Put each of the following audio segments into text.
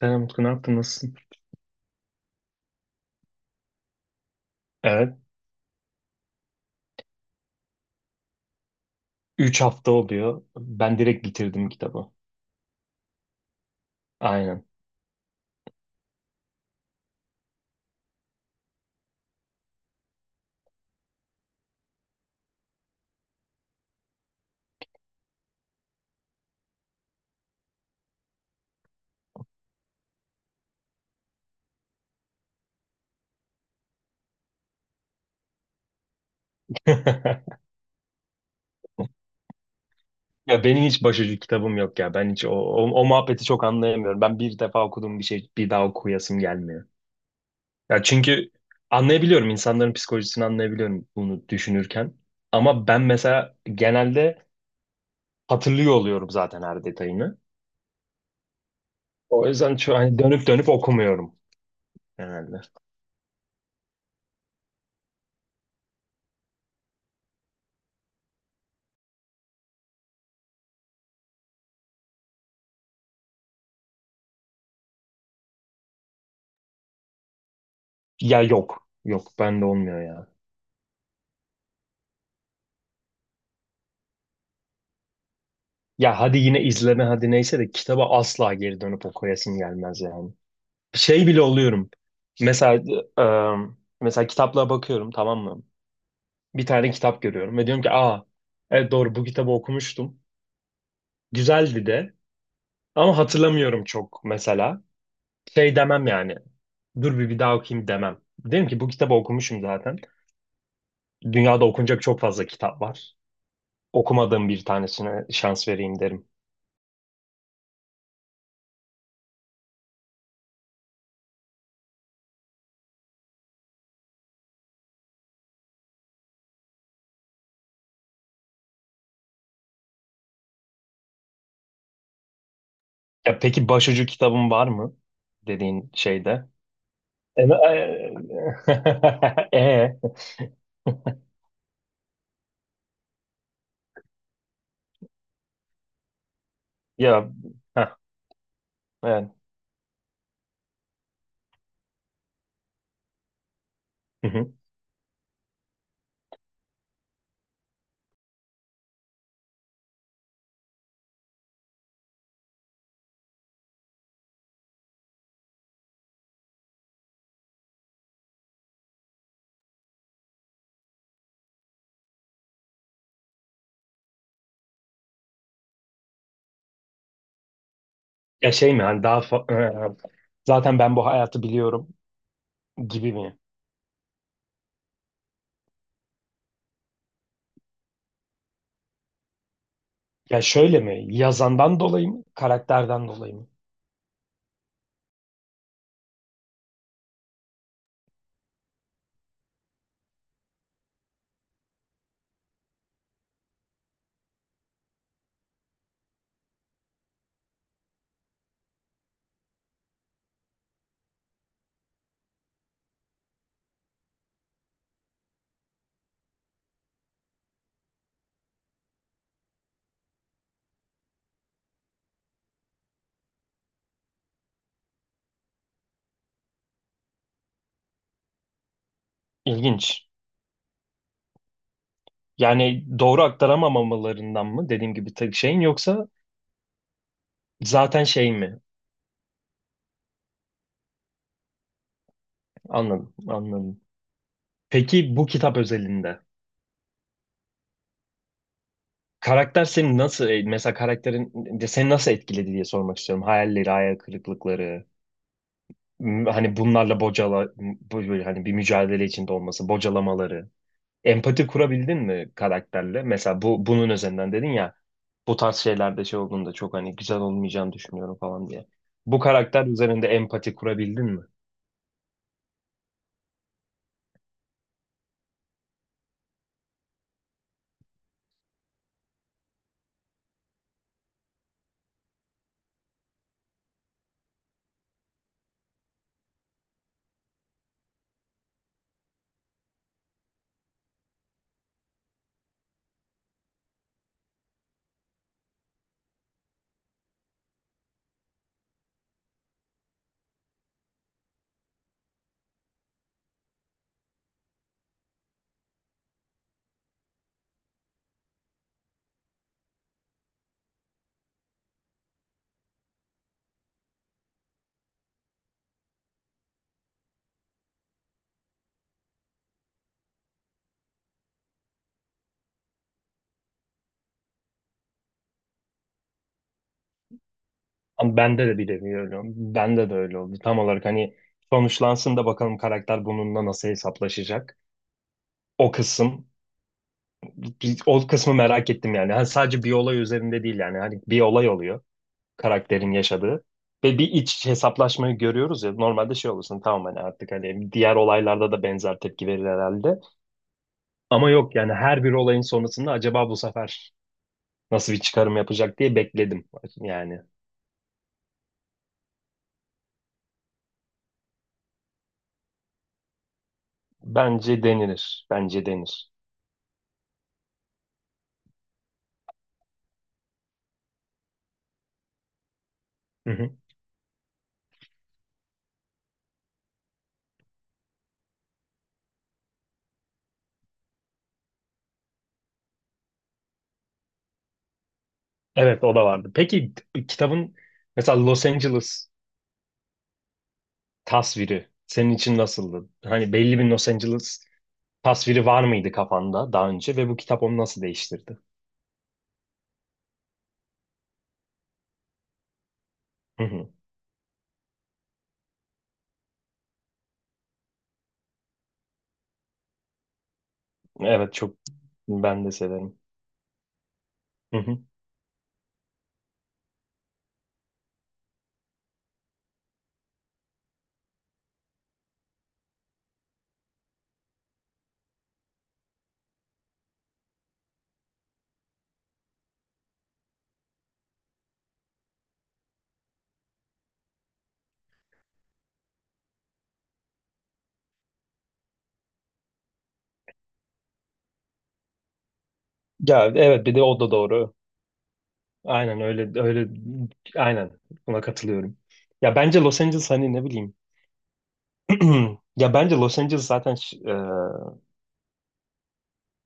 Selam Utku, ne yaptın? Nasılsın? Evet. Üç hafta oluyor. Ben direkt bitirdim kitabı. Aynen. Ya benim hiç başucu kitabım yok ya. Ben hiç o muhabbeti çok anlayamıyorum. Ben bir defa okuduğum bir şey bir daha okuyasım gelmiyor. Ya çünkü anlayabiliyorum. İnsanların psikolojisini anlayabiliyorum bunu düşünürken. Ama ben mesela genelde hatırlıyor oluyorum zaten her detayını. O yüzden çok, hani dönüp dönüp okumuyorum genelde. Ya yok. Yok bende olmuyor. Ya hadi yine izleme hadi neyse de kitaba asla geri dönüp okuyasım gelmez yani. Şey bile oluyorum. Mesela e, kitaplara bakıyorum, tamam mı? Bir tane kitap görüyorum ve diyorum ki, aa, evet doğru, bu kitabı okumuştum. Güzeldi de ama hatırlamıyorum çok mesela. Şey demem yani. Dur, bir daha okuyayım demem. Derim ki bu kitabı okumuşum zaten. Dünyada okunacak çok fazla kitap var. Okumadığım bir tanesine şans vereyim derim. Ya peki başucu kitabın var mı dediğin şeyde? Evet, E, e, e, ya heh, evet. Hı hı. Ya şey mi, hani daha e, zaten ben bu hayatı biliyorum gibi mi? Ya şöyle mi? Yazandan dolayı mı? Karakterden dolayı mı? İlginç. Yani doğru aktaramamalarından mı, dediğim gibi tek şeyin, yoksa zaten şey mi? Anladım, anladım. Peki bu kitap özelinde karakter seni nasıl e, mesela karakterin de seni nasıl etkiledi diye sormak istiyorum. Hayalleri, hayal kırıklıkları, hani bunlarla böyle hani bir mücadele içinde olması, bocalamaları. Empati kurabildin mi karakterle? Mesela bunun üzerinden dedin ya, bu tarz şeylerde şey olduğunda çok hani güzel olmayacağını düşünüyorum falan diye. Bu karakter üzerinde empati kurabildin mi? Ama bende de bir nevi öyle oldu. Bende de öyle oldu. Tam olarak hani sonuçlansın da bakalım karakter bununla nasıl hesaplaşacak. O kısım, o kısmı merak ettim yani. Hani sadece bir olay üzerinde değil yani. Hani bir olay oluyor karakterin yaşadığı. Ve bir iç hesaplaşmayı görüyoruz ya. Normalde şey olursun, tamam, hani artık hani diğer olaylarda da benzer tepki verir herhalde. Ama yok yani, her bir olayın sonrasında acaba bu sefer nasıl bir çıkarım yapacak diye bekledim. Yani bence denilir. Bence denir. Hı hı. Evet, o da vardı. Peki kitabın mesela Los Angeles tasviri senin için nasıldı? Hani belli bir Los Angeles tasviri var mıydı kafanda daha önce ve bu kitap onu nasıl değiştirdi? Hı hı. Evet, çok, ben de severim. Hı hı. Ya evet, bir de o da doğru. Aynen öyle öyle, aynen, buna katılıyorum. Ya bence Los Angeles, hani ne bileyim. Ya bence Los Angeles zaten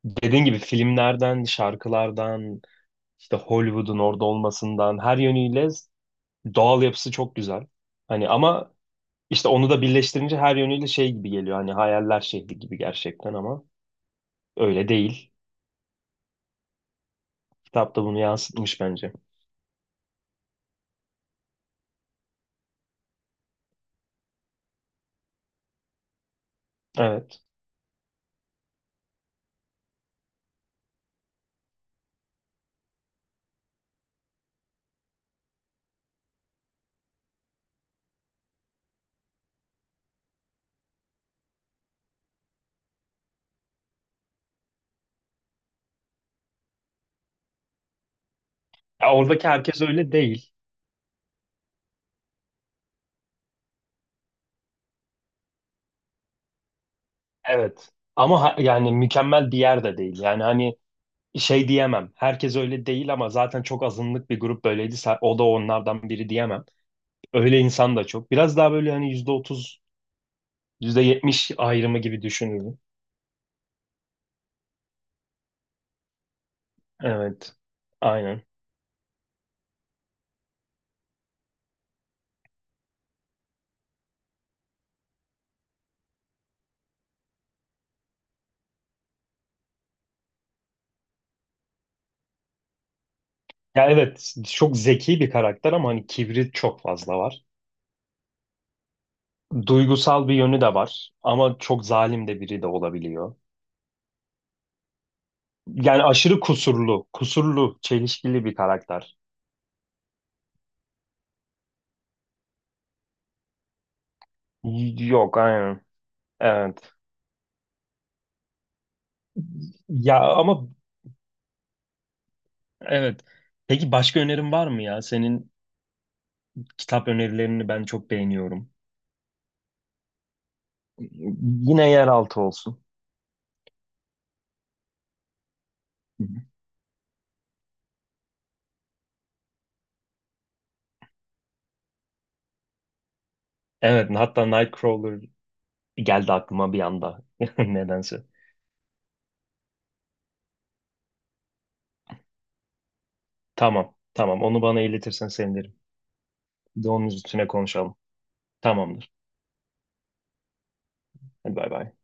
dediğin gibi filmlerden, şarkılardan, işte Hollywood'un orada olmasından, her yönüyle doğal yapısı çok güzel. Hani ama işte onu da birleştirince her yönüyle şey gibi geliyor. Hani hayaller şehri gibi gerçekten ama. Öyle değil. Kitap da bunu yansıtmış bence. Evet. Ya oradaki herkes öyle değil. Evet. Ama yani mükemmel bir yer de değil. Yani hani şey diyemem. Herkes öyle değil ama zaten çok azınlık bir grup böyleydi. O da onlardan biri diyemem. Öyle insan da çok. Biraz daha böyle hani %30, yüzde yetmiş ayrımı gibi düşünürüm. Evet. Aynen. Ya evet, çok zeki bir karakter ama hani kibri çok fazla var. Duygusal bir yönü de var ama çok zalim de biri de olabiliyor. Yani aşırı kusurlu, kusurlu, çelişkili bir karakter. Yok aynen. Evet. Ya ama, evet. Peki başka önerin var mı ya? Senin kitap önerilerini ben çok beğeniyorum. Yine yeraltı olsun. Hı hı. Evet, hatta Nightcrawler geldi aklıma bir anda. Nedense. Tamam, tamam. Onu bana iletirsen sevinirim. Bir de onun üstüne konuşalım. Tamamdır. Hadi bay bay.